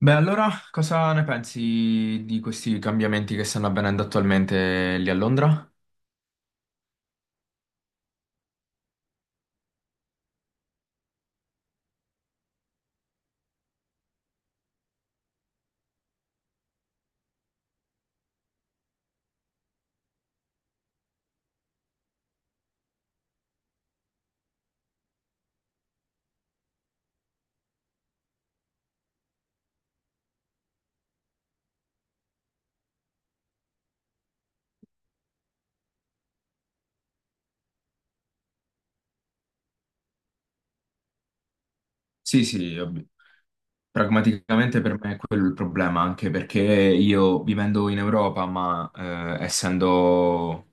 Beh, allora cosa ne pensi di questi cambiamenti che stanno avvenendo attualmente lì a Londra? Sì, sì, ovvio. Pragmaticamente per me è quello il problema, anche perché io vivendo in Europa, ma essendo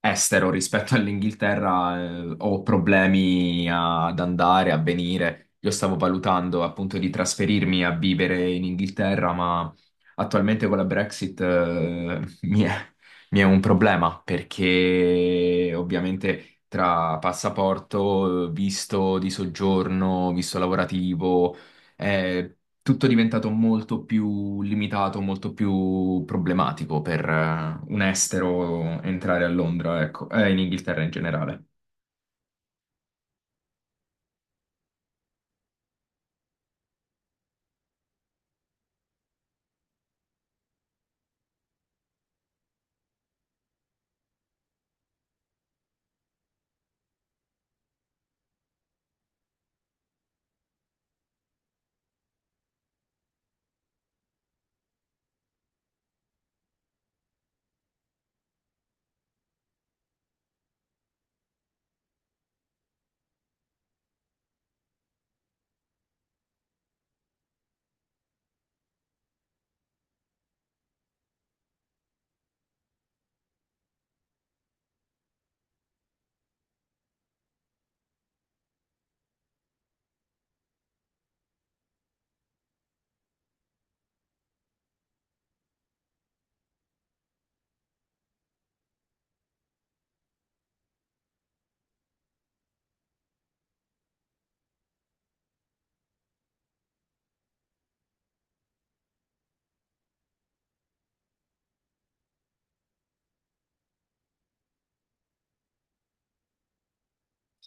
estero rispetto all'Inghilterra, ho problemi ad andare, a venire. Io stavo valutando appunto di trasferirmi a vivere in Inghilterra, ma attualmente con la Brexit mi è un problema perché ovviamente tra passaporto, visto di soggiorno, visto lavorativo è tutto diventato molto più limitato, molto più problematico per un estero entrare a Londra, ecco, e in Inghilterra in generale.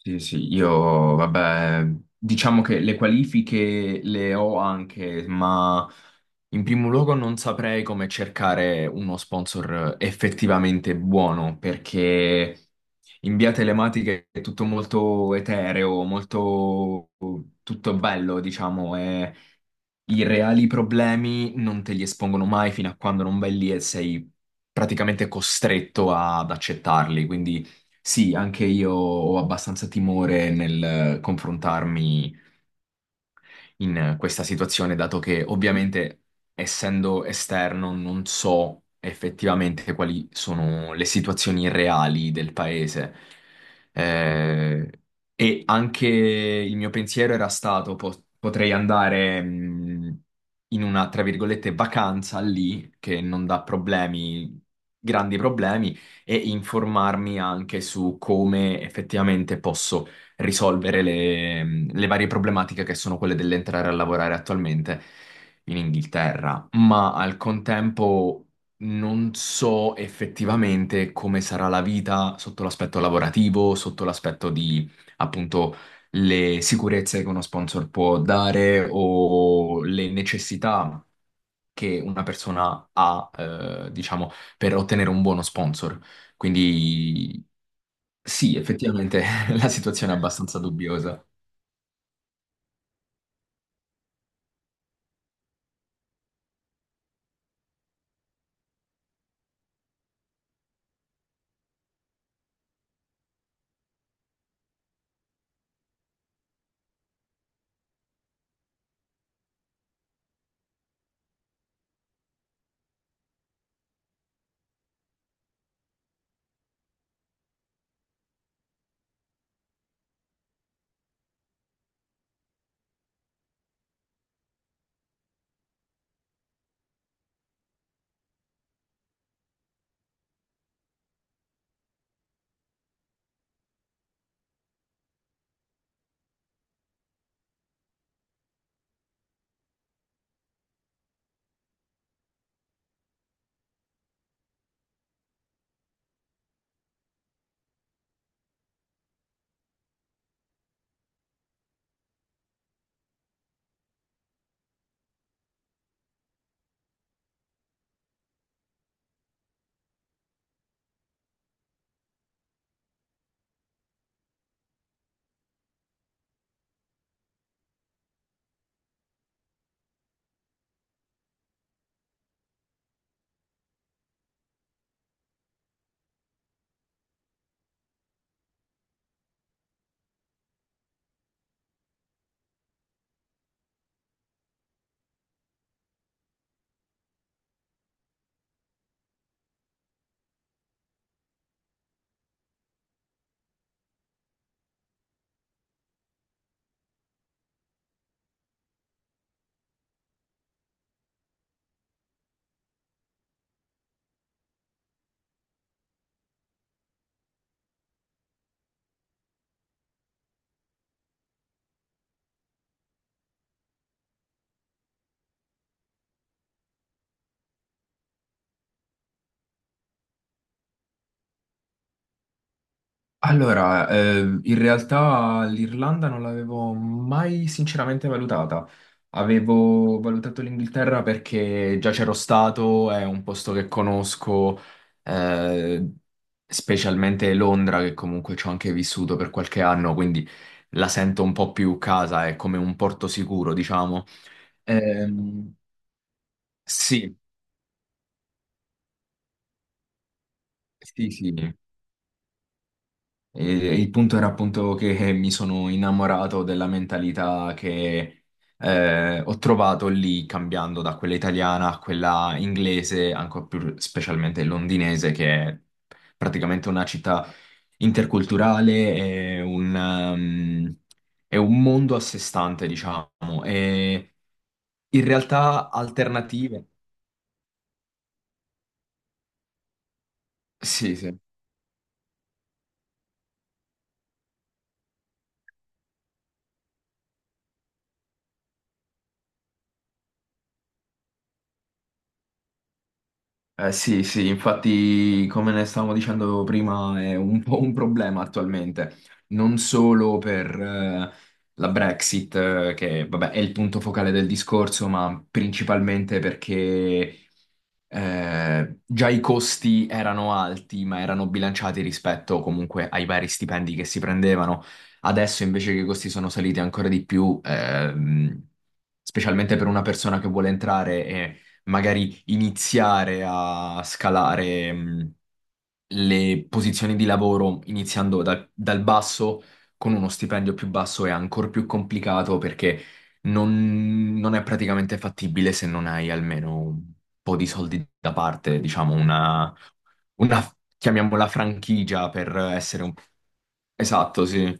Sì, sì, io, vabbè, diciamo che le qualifiche le ho anche, ma in primo luogo non saprei come cercare uno sponsor effettivamente buono, perché in via telematica è tutto molto etereo, molto tutto bello, diciamo, e i reali problemi non te li espongono mai fino a quando non vai lì e sei praticamente costretto ad accettarli. Quindi sì, anche io ho abbastanza timore nel confrontarmi in questa situazione, dato che ovviamente essendo esterno non so effettivamente quali sono le situazioni reali del paese. Eh, e anche il mio pensiero era stato, potrei andare in una, tra virgolette, vacanza lì, che non dà problemi, grandi problemi, e informarmi anche su come effettivamente posso risolvere le varie problematiche che sono quelle dell'entrare a lavorare attualmente in Inghilterra, ma al contempo non so effettivamente come sarà la vita sotto l'aspetto lavorativo, sotto l'aspetto di appunto le sicurezze che uno sponsor può dare o le necessità che una persona ha, diciamo, per ottenere un buono sponsor. Quindi sì, effettivamente la situazione è abbastanza dubbiosa. Allora, in realtà l'Irlanda non l'avevo mai sinceramente valutata. Avevo valutato l'Inghilterra perché già c'ero stato, è un posto che conosco, eh, specialmente Londra, che comunque ci ho anche vissuto per qualche anno, quindi la sento un po' più casa, è come un porto sicuro, diciamo. Ehm, sì, sì, sì. E il punto era appunto che mi sono innamorato della mentalità che ho trovato lì, cambiando da quella italiana a quella inglese, ancora più specialmente londinese, che è praticamente una città interculturale, è un, ehm, è un mondo a sé stante, diciamo, e in realtà alternative. Sì, sì. Eh sì, sì, infatti, come ne stavamo dicendo prima, è un po' un problema attualmente, non solo per la Brexit, che vabbè è il punto focale del discorso, ma principalmente perché già i costi erano alti, ma erano bilanciati rispetto comunque ai vari stipendi che si prendevano. Adesso invece che i costi sono saliti ancora di più, specialmente per una persona che vuole entrare magari iniziare a scalare le posizioni di lavoro iniziando dal basso con uno stipendio più basso è ancora più complicato perché non è praticamente fattibile se non hai almeno un po' di soldi da parte, diciamo una chiamiamola franchigia per essere un... Esatto, sì.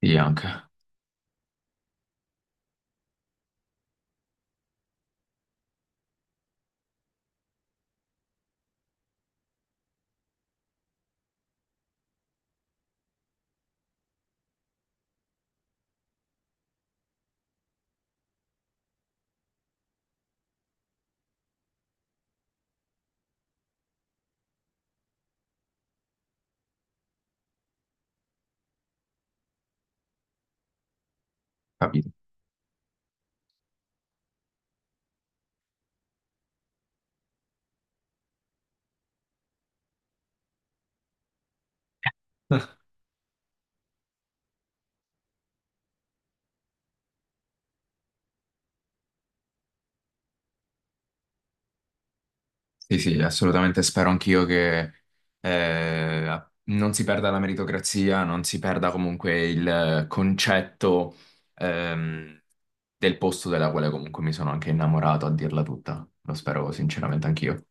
Sì, anche. Capito. Sì, sì, assolutamente spero anch'io che non si perda la meritocrazia, non si perda comunque il concetto ehm, del posto della quale comunque mi sono anche innamorato, a dirla tutta. Lo spero sinceramente anch'io.